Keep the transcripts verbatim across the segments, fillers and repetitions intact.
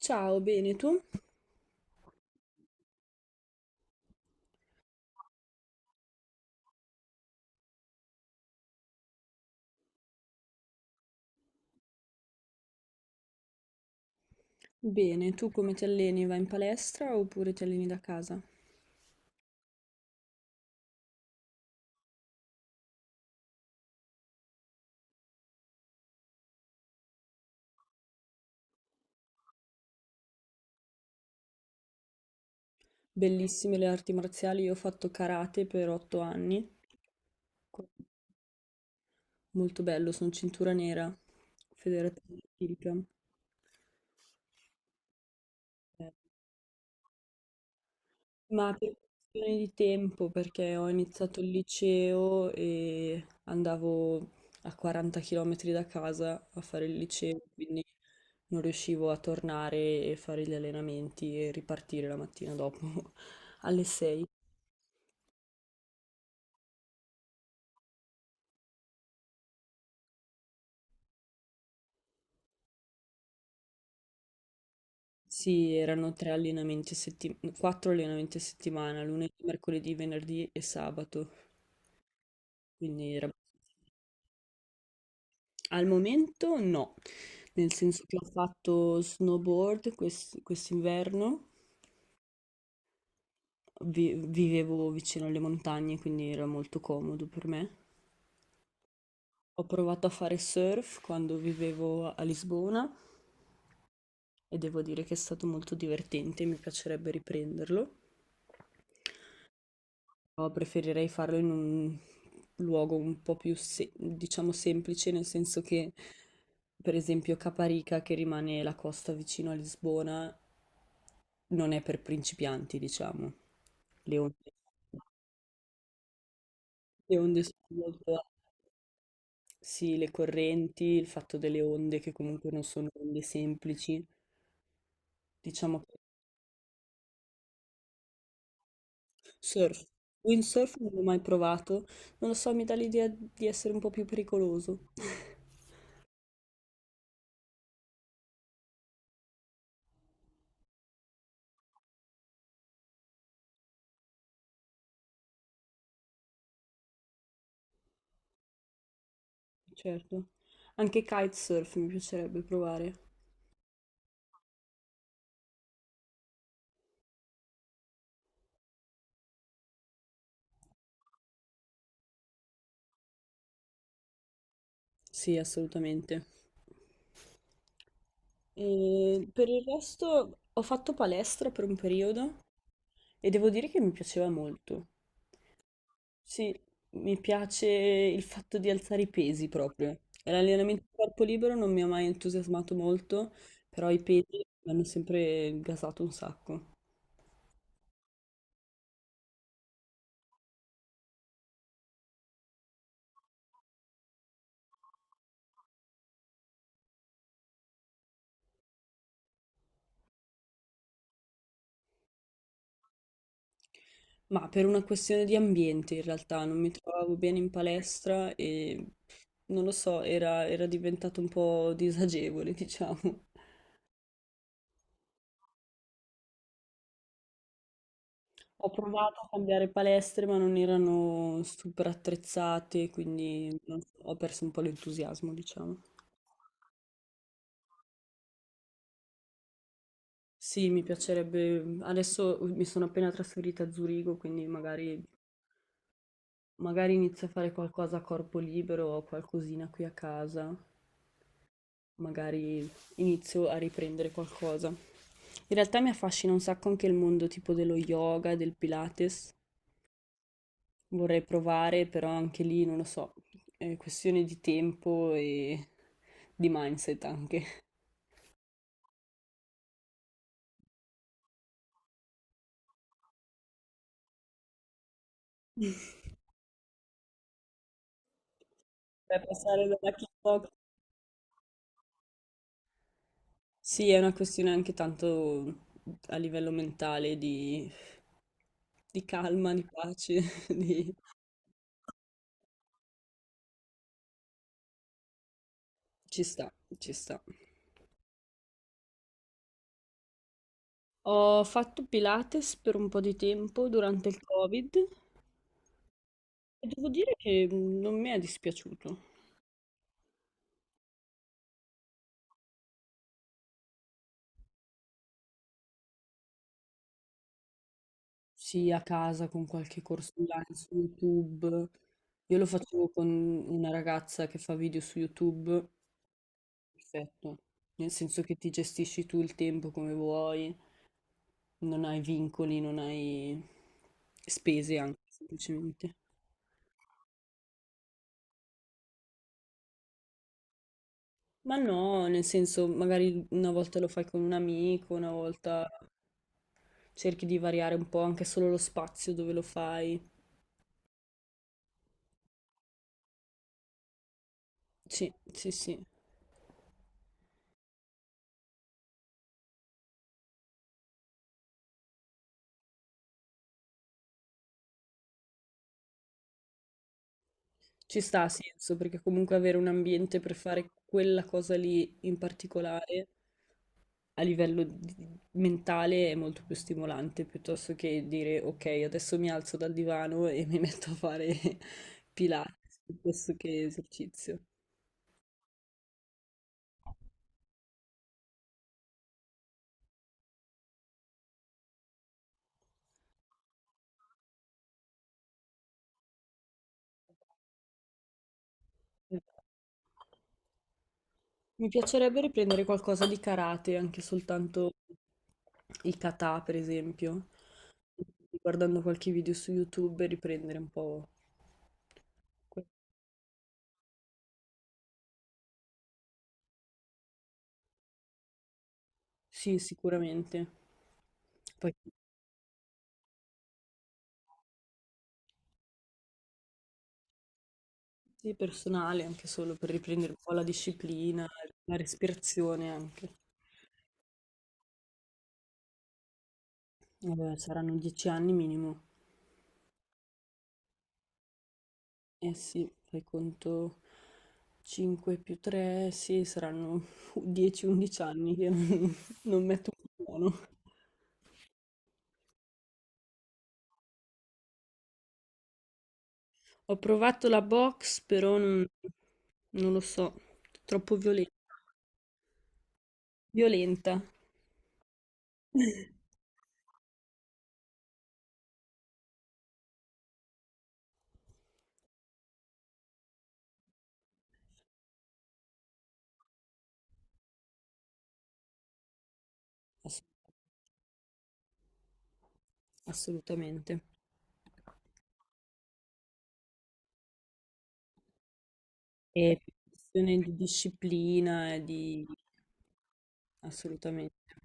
Ciao, bene tu? Bene, tu come ti alleni? Vai in palestra oppure ti alleni da casa? Bellissime le arti marziali, io ho fatto karate per otto anni, molto bello, sono cintura nera, federazione olimpica. Ma per questione di tempo, perché ho iniziato il liceo e andavo a quaranta chilometri da casa a fare il liceo, quindi non riuscivo a tornare e fare gli allenamenti e ripartire la mattina dopo alle sei. Sì, erano tre allenamenti a settimana, quattro allenamenti a settimana, lunedì, mercoledì, venerdì e sabato. Quindi era- al momento no, nel senso che ho fatto snowboard quest- quest'inverno vi- vivevo vicino alle montagne, quindi era molto comodo per me. Ho provato a fare surf quando vivevo a Lisbona e devo dire che è stato molto divertente, mi piacerebbe riprenderlo. Però preferirei farlo in un luogo un po' più, se- diciamo, semplice, nel senso che, per esempio, Caparica, che rimane la costa vicino a Lisbona, non è per principianti, diciamo. Le onde, le onde sono molto... Sì, le correnti, il fatto delle onde che comunque non sono onde semplici, diciamo che surf, windsurf non l'ho mai provato, non lo so, mi dà l'idea di essere un po' più pericoloso. Certo. Anche kitesurf mi piacerebbe provare. Sì, assolutamente. E per il resto ho fatto palestra per un periodo e devo dire che mi piaceva molto. Sì, mi piace il fatto di alzare i pesi proprio. E l'allenamento a corpo libero non mi ha mai entusiasmato molto, però i pesi mi hanno sempre gasato un sacco. Ma per una questione di ambiente in realtà, non mi trovavo bene in palestra e non lo so, era, era diventato un po' disagevole, diciamo. Ho provato a cambiare palestre, ma non erano super attrezzate, quindi non so, ho perso un po' l'entusiasmo, diciamo. Sì, mi piacerebbe. mhmm, Adesso mi sono appena trasferita a Zurigo, quindi magari, magari inizio a fare qualcosa a corpo libero o qualcosina qui a casa. Magari inizio a riprendere qualcosa. In realtà mi affascina un sacco anche il mondo tipo dello yoga, del Pilates. Vorrei provare, però anche lì non lo so, è questione di tempo e di mindset anche. Per passare dalla kickbox. Sì, è una questione anche tanto a livello mentale di di calma, di pace, di... Ci sta, ci sta. Ho fatto Pilates per un po' di tempo durante il Covid e devo dire che non mi è dispiaciuto. Sì, a casa con qualche corso online su YouTube. Io lo facevo con una ragazza che fa video su YouTube. Perfetto. Nel senso che ti gestisci tu il tempo come vuoi, non hai vincoli, non hai spese anche semplicemente. Ma no, nel senso, magari una volta lo fai con un amico, una volta cerchi di variare un po' anche solo lo spazio dove lo fai. Sì, sì, sì. Ci sta a senso, perché comunque avere un ambiente per fare quella cosa lì in particolare a livello di- mentale è molto più stimolante piuttosto che dire ok, adesso mi alzo dal divano e mi metto a fare Pilates piuttosto che esercizio. Mi piacerebbe riprendere qualcosa di karate, anche soltanto i kata, per esempio. Guardando qualche video su YouTube e riprendere un po'. que- Sì, sicuramente. Poi sì, personale, anche solo per riprendere un po' la disciplina, la respirazione anche. Eh, saranno dieci anni minimo. Eh sì, fai conto cinque più tre, sì, saranno dieci undici anni che non, non metto un buono. Ho provato la box, però non, non lo so, troppo violen- violenta. Ass- assolutamente. E questione di disciplina e di... assolutamente.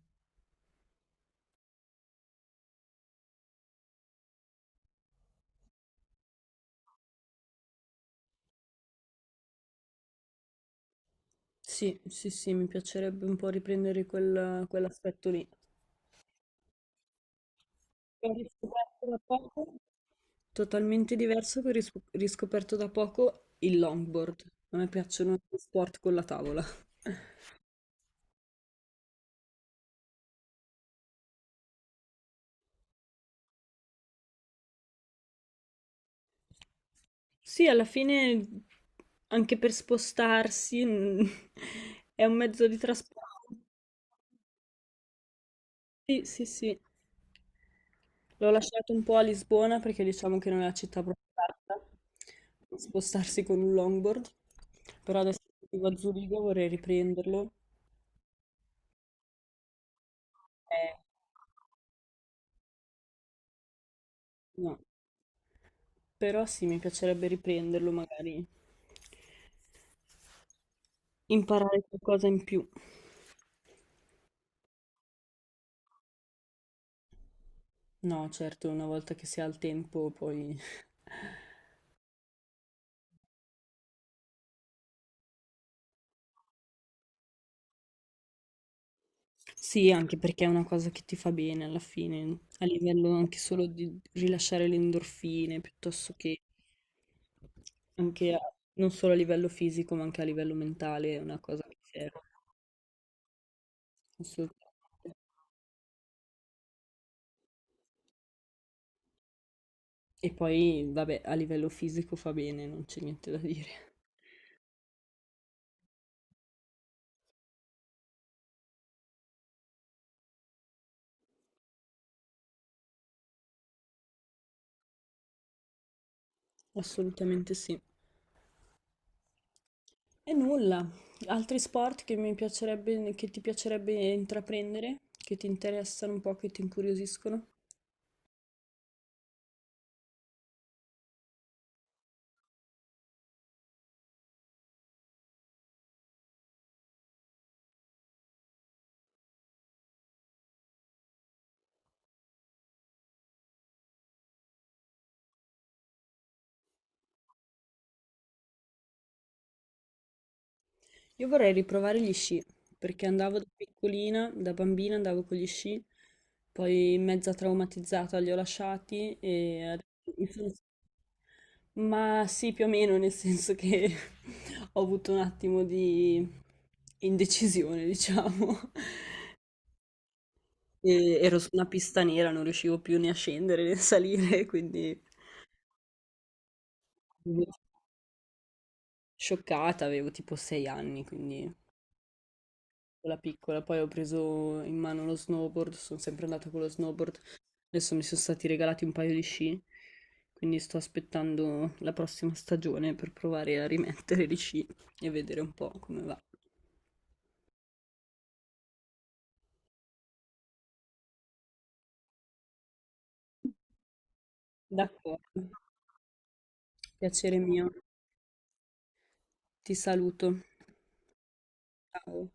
Sì, sì, sì, mi piacerebbe un po' riprendere quel- quell'aspetto lì. Ho riscoperto da poco, totalmente diverso che ho risco- riscoperto da poco il longboard. A me piacciono gli sport con la tavola. Sì, alla fine anche per spostarsi mm, è un mezzo di trasporto. Sì, sì, sì. L'ho lasciato un po' a Lisbona perché diciamo che non è la città proprio adatta per spostarsi con un longboard, però adesso che vivo a Zurigo vorrei riprenderlo. Eh, no. Però sì, mi piacerebbe riprenderlo, magari imparare qualcosa in più. No, certo, una volta che si ha il tempo poi. Sì, anche perché è una cosa che ti fa bene alla fine, a livello anche solo di rilasciare le endorfine, piuttosto che anche a- non solo a livello fisico, ma anche a livello mentale, è una cosa che serve assolutamente. E poi, vabbè, a livello fisico fa bene, non c'è niente da dire. Assolutamente sì. E nulla. Altri sport che mi piacerebbe, che ti piacerebbe intraprendere, che ti interessano un po', che ti incuriosiscono? Io vorrei riprovare gli sci, perché andavo da piccolina, da bambina andavo con gli sci, poi mezza traumatizzata li ho lasciati e adesso mi sono- Ma sì, più o meno, nel senso che ho avuto un attimo di indecisione, diciamo. E ero su una pista nera, non riuscivo più né a scendere né a salire, quindi scioccata, avevo tipo sei anni, quindi piccola piccola. Poi ho preso in mano lo snowboard, sono sempre andata con lo snowboard. Adesso mi sono stati regalati un paio di sci, quindi sto aspettando la prossima stagione per provare a rimettere gli sci e vedere un po' come va. D'accordo, piacere mio. Ti saluto. Ciao.